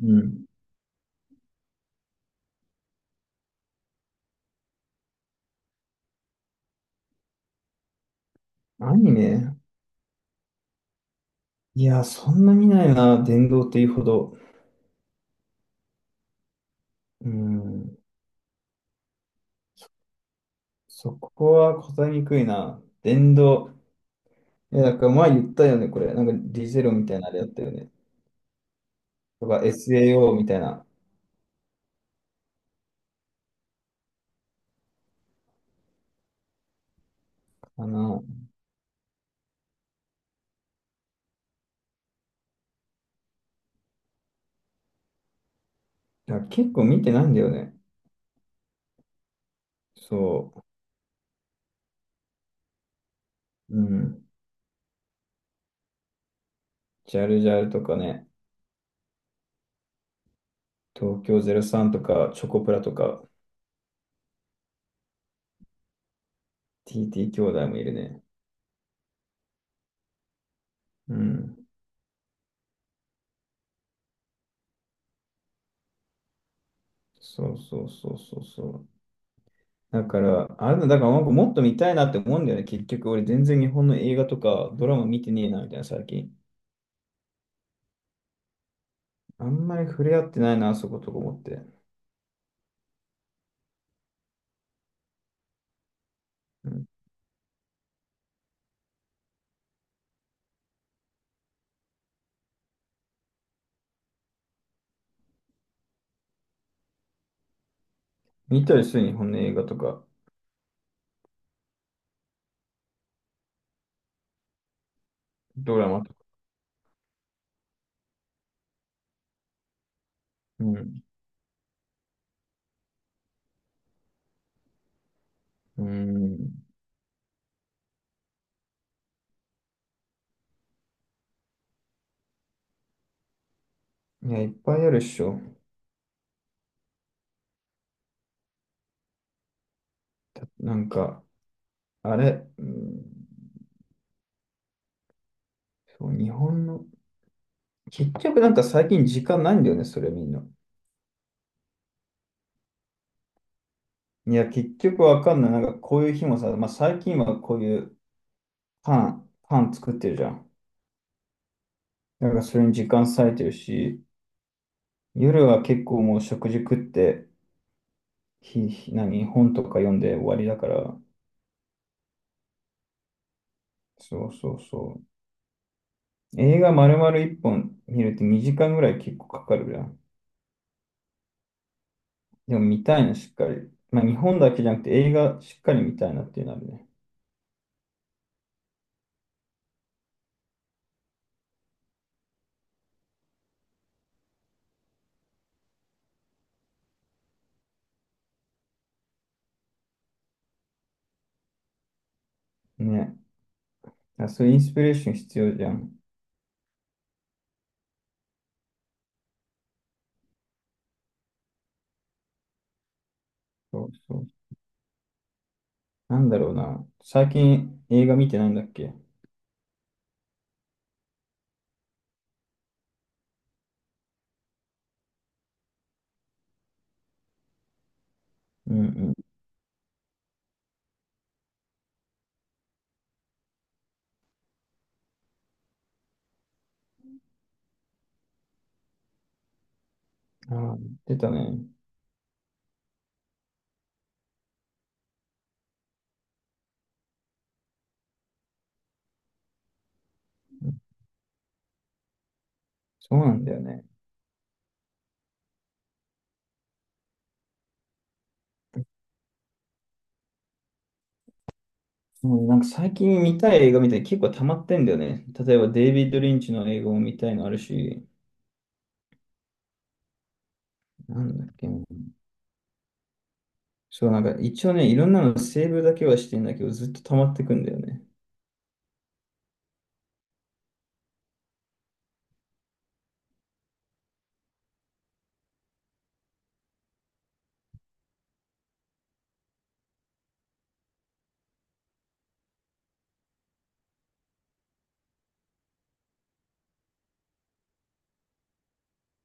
うん。アニメいや、そんな見ないな、電動というほど。うん。そこは答えにくいな。電動。いや、だから前言ったよね、これ。なんかディゼロみたいなあれやったよね。とか SAO みたいな。かな。いや、結構見てないんだよね。そう。うん。ジャルジャルとかね。東京03とか、チョコプラとか、TT 兄弟もいるね。うん。そうそうそうそうそう。だから、あれだ、だからなんかもっと見たいなって思うんだよね。結局、俺全然日本の映画とかドラマ見てねえな、みたいな、最近。あんまり触れ合ってないな、あそことか思って。うん、見たりする、日本の映画とか、ドラマとか。うん。うん。いや、いっぱいあるっしょ。なんか、あれ、うん、そう、日本の、結局なんか最近時間ないんだよね、それみんな。いや、結局わかんない。なんかこういう日もさ、まあ最近はこういうパン作ってるじゃん。だからそれに時間割いてるし、夜は結構もう食事食って、何、本とか読んで終わりだから、そうそうそう。映画丸々1本見るって2時間ぐらい結構かかるじゃん。でも見たいな、しっかり。まあ日本だけじゃなくて映画しっかり見たいなっていうのあるね。ね。あ、そういうインスピレーション必要じゃん。そうそう。なんだろうな。最近映画見てないんだっけ。うんうん。ああ、言ってたね。うん。そうなんだよね。もうねなんか最近見たい映画みたいに結構溜まってんだよね。例えばデイビッド・リンチの映画も見たいのあるし、なんだっけな。そう、なんか一応ね、いろんなのセーブだけはしてんだけど、ずっと溜まってくんだよね。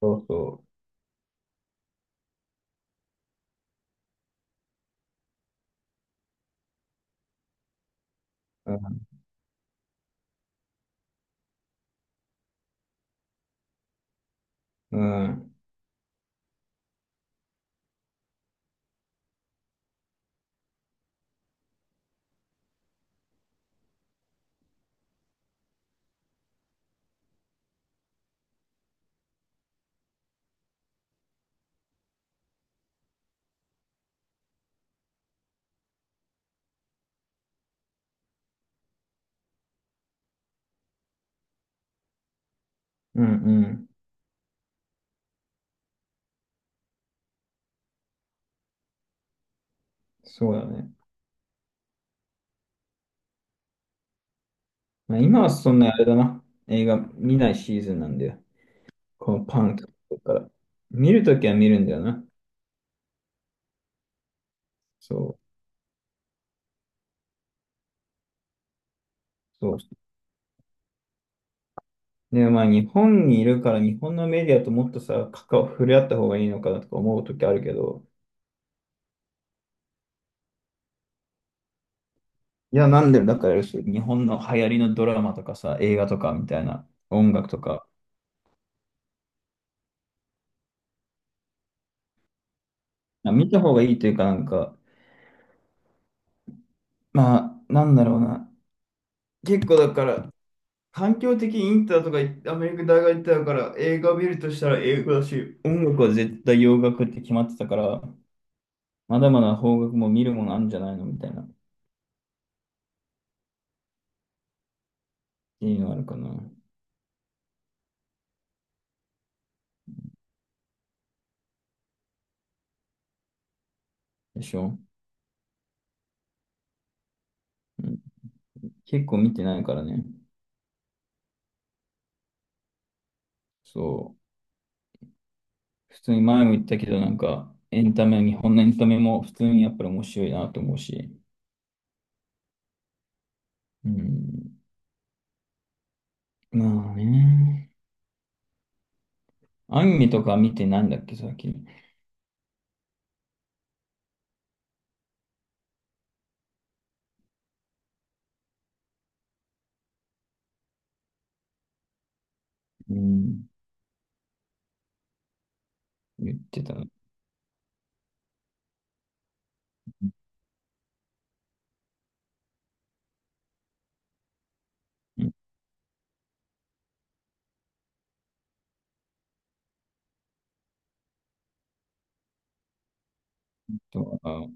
そうそう。うん、うん、うんうん。そうだね。まあ、今はそんなあれだな。映画見ないシーズンなんだよ。このパンクとか。見るときは見るんだよな。そう、そう。で、まあ日本にいるから日本のメディアともっとさ、触れ合った方がいいのかなとか思うときあるけど、いや、なんで、だからそう、日本の流行りのドラマとかさ、映画とかみたいな、音楽とか、見た方がいいというか、なんか、まあ、なんだろうな。結構だから、環境的にインターとか行ってアメリカ大学行ってたから、映画見るとしたら英語だし、音楽は絶対洋楽って決まってたから、まだまだ邦楽も見るものあるんじゃないのみたいな、っていうのあるかな。でしょ、うん、結構見てないからね。そう。普通に前も言ったけど、なんか、エンタメ、日本のエンタメも普通にやっぱり面白いなと思うし。うん。まあね。アニメとか見てないんだっけ、最近。うん。言ってたの。うん。とか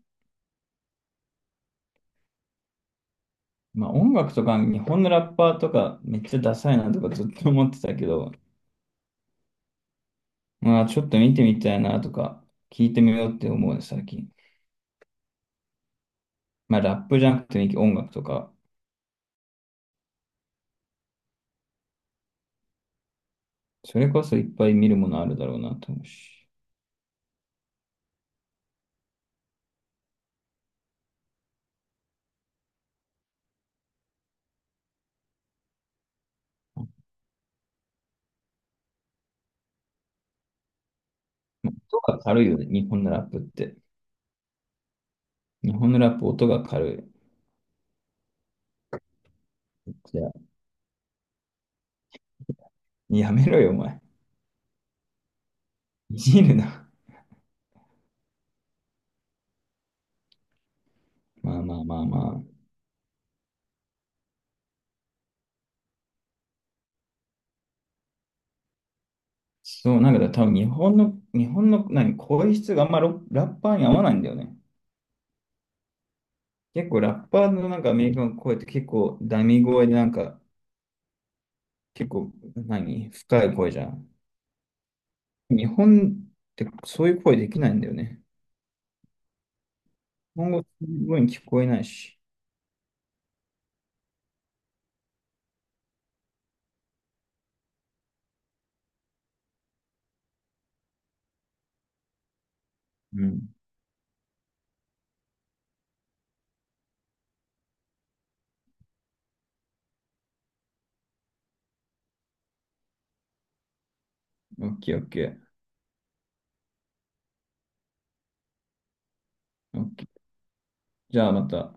まあ音楽とか、日本のラッパーとか、めっちゃダサいなとかずっと思ってたけど、まあちょっと見てみたいなとか、聞いてみようって思うね、最近。まあラップじゃなくて音楽とか、それこそいっぱい見るものあるだろうなと思うし。まあ音が軽いよね、日本のラップって。日本のラップ音が軽い。じゃあやめろよ、お前。いじるな。まあまあまあまあ。そう、なんか多分日本の、日本の何、声質があんまロラッパーに合わないんだよね。結構ラッパーのなんかアメリカの声って結構ダミ声でなんか結構何、深い声じゃん。日本ってそういう声できないんだよね。日本語すごい聞こえないし。うん。オッケーオッケー。オッケー。じゃあまた。